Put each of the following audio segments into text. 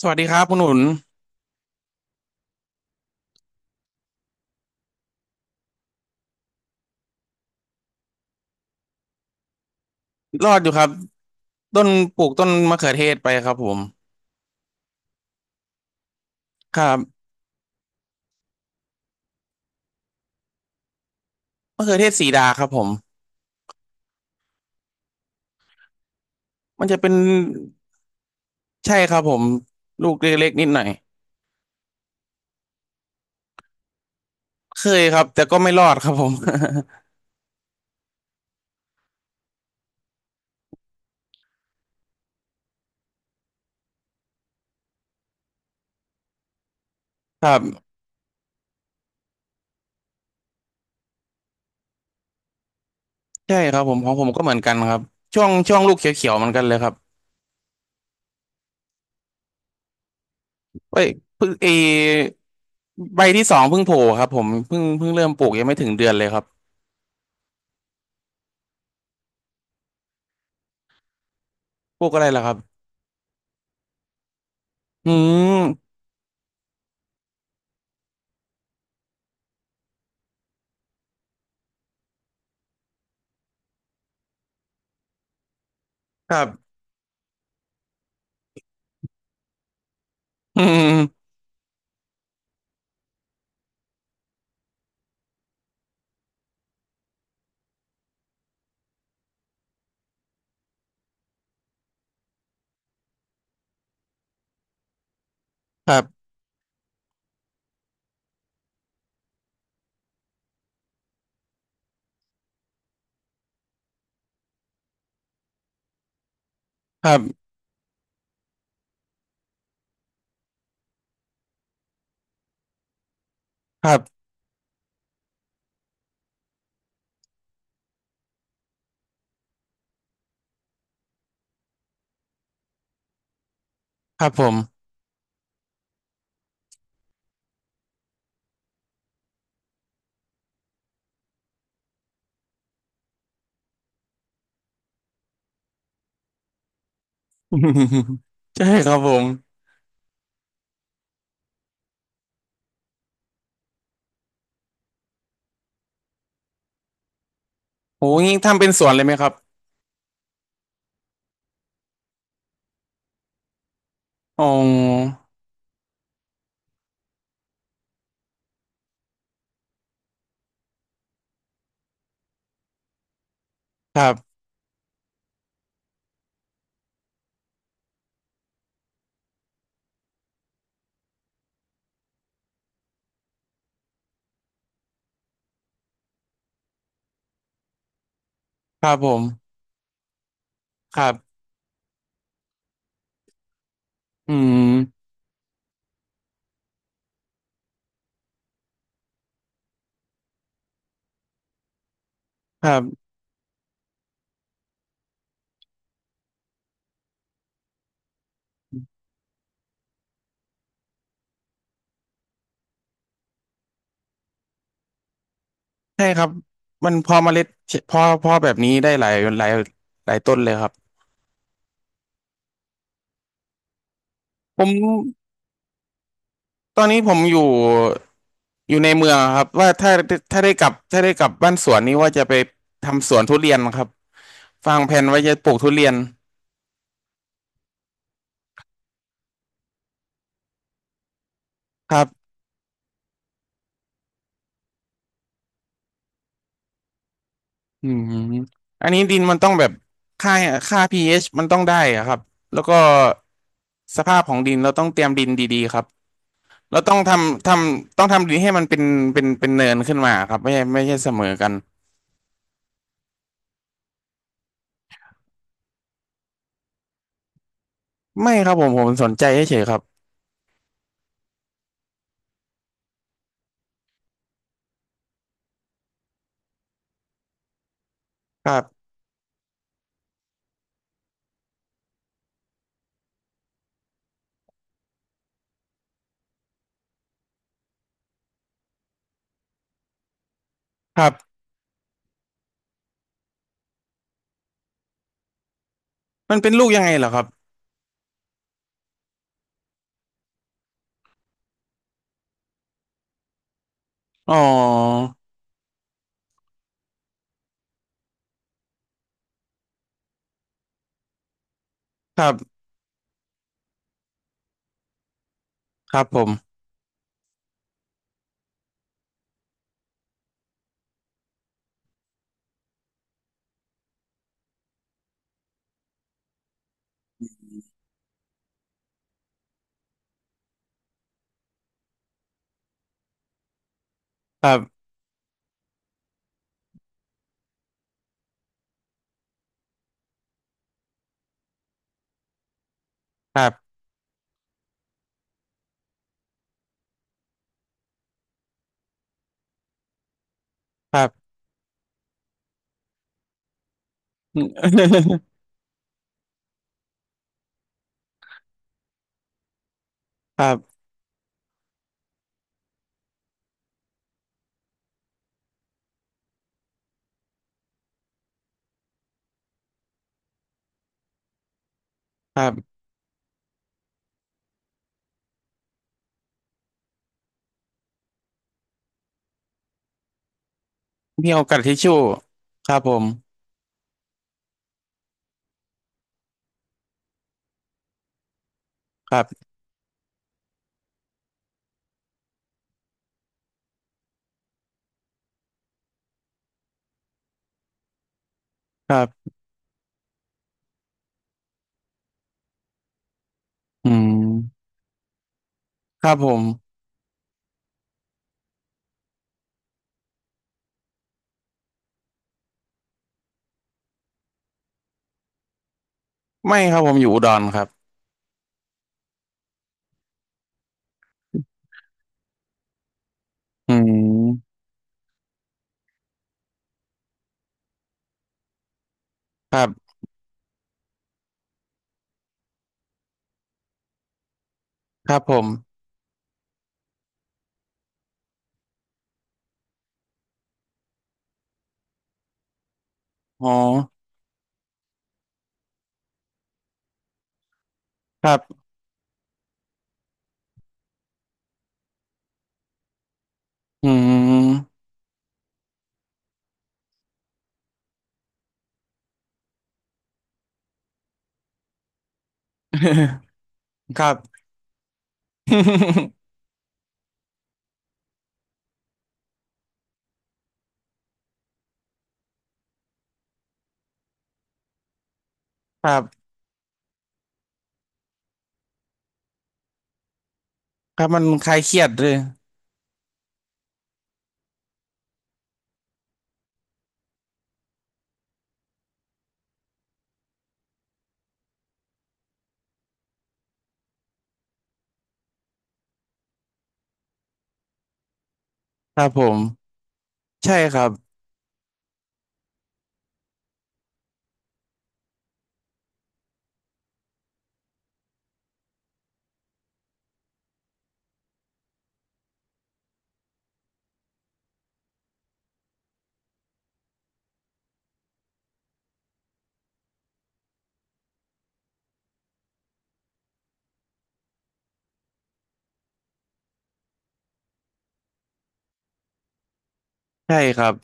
สวัสดีครับคุณหนุนรอดอยู่ครับต้นปลูกต้นมะเขือเทศไปครับผมครับมะเขือเทศสีดาครับผมมันจะเป็นใช่ครับผมลูกเล็กๆนิดหน่อยเคยครับแต่ก็ไม่รอดครับผม ครับใช่ครับผมของผมก็เหมือนกันครับช่วงลูกเขียวๆเหมือนกันเลยครับเอ้ยเพิ่งเอใบที่สองเพิ่งโผล่ครับผมเพิ่งเริ่มปลูกยังไม่ถึงเดือนเลยครับปลูกอะไรล่ะครับอืมครับอืมครับ ครับครับครับครับผม อืมใช่ครับผมโอ้งี้ทำเป็นสวนเลยไหมครับอ๋อครับครับผมครับอืมครับใช่ครับมันพอเมล็ดพอแบบนี้ได้หลายหลายหลายต้นเลยครับผมตอนนี้ผมอยู่อยู่ในเมืองครับว่าถ้าถ้าได้กลับบ้านสวนนี้ว่าจะไปทำสวนทุเรียนครับวางแผนไว้จะปลูกทุเรียนครับ อืมอันนี้ดินมันต้องแบบค่าค่า pH มันต้องได้อะครับแล้วก็สภาพของดินเราต้องเตรียมดินดีๆครับเราต้องต้องทำดินให้มันเป็นเป็นเนินขึ้นมาครับไม่ใช่เสมอกันไม่ครับผมสนใจเฉยๆครับครับครับมันเป็นลูกยังไงเหรอครับอ๋อครับครับผมครับครับครับ ครับครับมีเอากระดาษทิชชู่ครับผมครับครับอืมครับผม ไม่ครับผมอยู่อุดรครับอืมครับครับผมอ๋อครับอืม ครับ ครับครับมันคลายเครียดด้วยครับผมใช่ครับใช่ครับ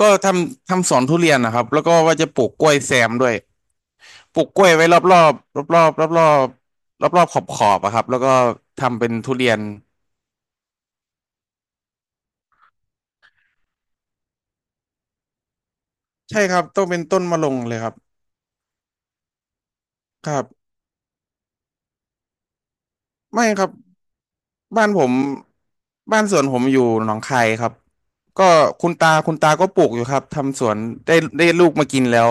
ก็สวนทุเรียนนะครับแล้วก็ว่าจะปลูกกล้วยแซมด้วยปลูกกล้วยไว้รอบรอบรอบรอบรอบรอบรอบรอบขอบขอบๆอะครับแล้วก็ทำเป็นทุเรียน ใช่ครับต้องเป็นต้นมะลงเลยครับครับไม่ครับ บ้านผมบ้านสวนผมอยู่หนองคายครับก็คุณตาก็ปลูกอยู่ครับทำสวนได้ได้ลูกมากินแล้ว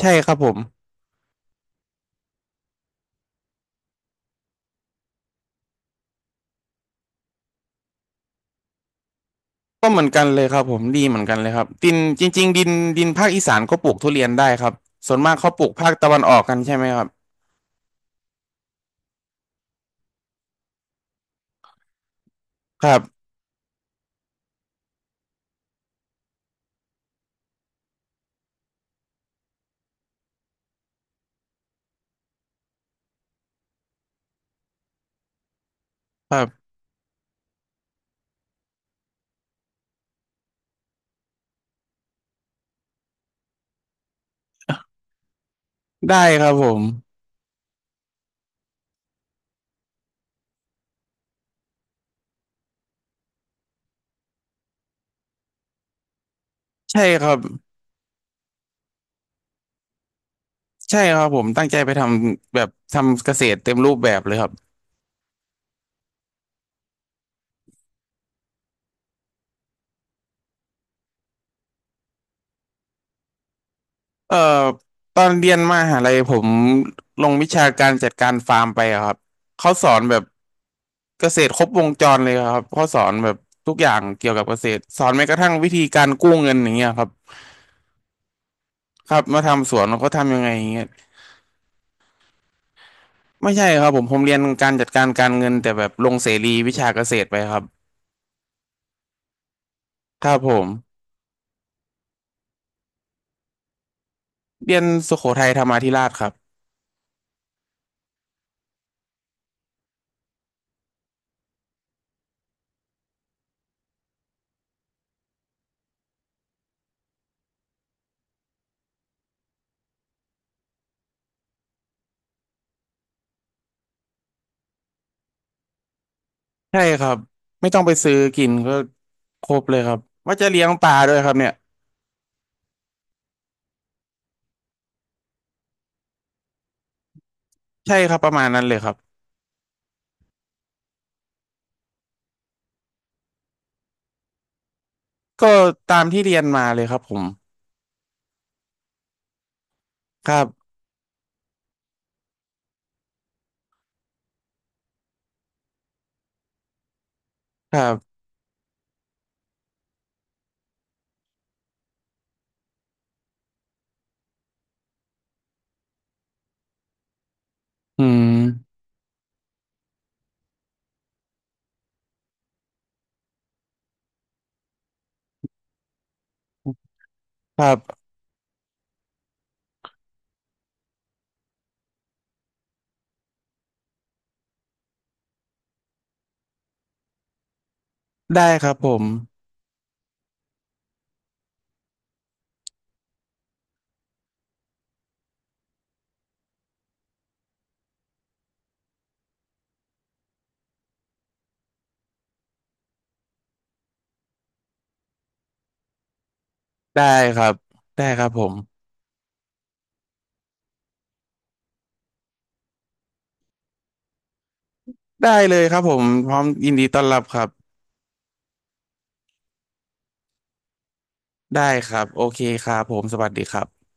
ใช่ครับผมก็เหมือนกันเลยครับผมดีเหมือนกันเลยครับดินจริงๆดินดินภาคอีสานก็ปลูกทุเรียนได้ครับส่วนมากเขาปลูกภาคตะวันออกกันใช่ไหมครับครับครับได้ครับผมใช่ครับใช่ครับผมตั้งใจไปทำแบบทำเกษตรเต็มรูปแบบเลยครับเอ่อตอนเรียนมหาลัยผมลงวิชาการจัดการฟาร์มไปอะครับเขาสอนแบบ เกษตรครบวงจรเลยครับเขาสอนแบบทุกอย่างเกี่ยวกับเกษตรสอนแม้กระทั่งวิธีการกู้เงินอย่างเงี้ยครับครับมาทำสวนเขาทำยังไงอย่างเงี้ยไม่ใช่ครับผมเรียนการจัดการการเงินแต่แบบลงเสรีวิชาเกษตรไปครับครับผมเรียนสุโขทัยธรรมาธิราชครับใช่ครับไม่ต้องไปซื้อกินก็ครบเลยครับว่าจะเลี้ยงปลาด้วยครับเนี่ยใช่ครับประมาณนั้นเลยครับก็ตามที่เรียนมาเลยครับผมครับครับอืมครับได้ครับผม ได้ครับ ได้ครับผม ได้เลยครับผม พร้อมยินดีต้อนรับครับ ได้ครับ โอเคครับผมสวัสดีครับ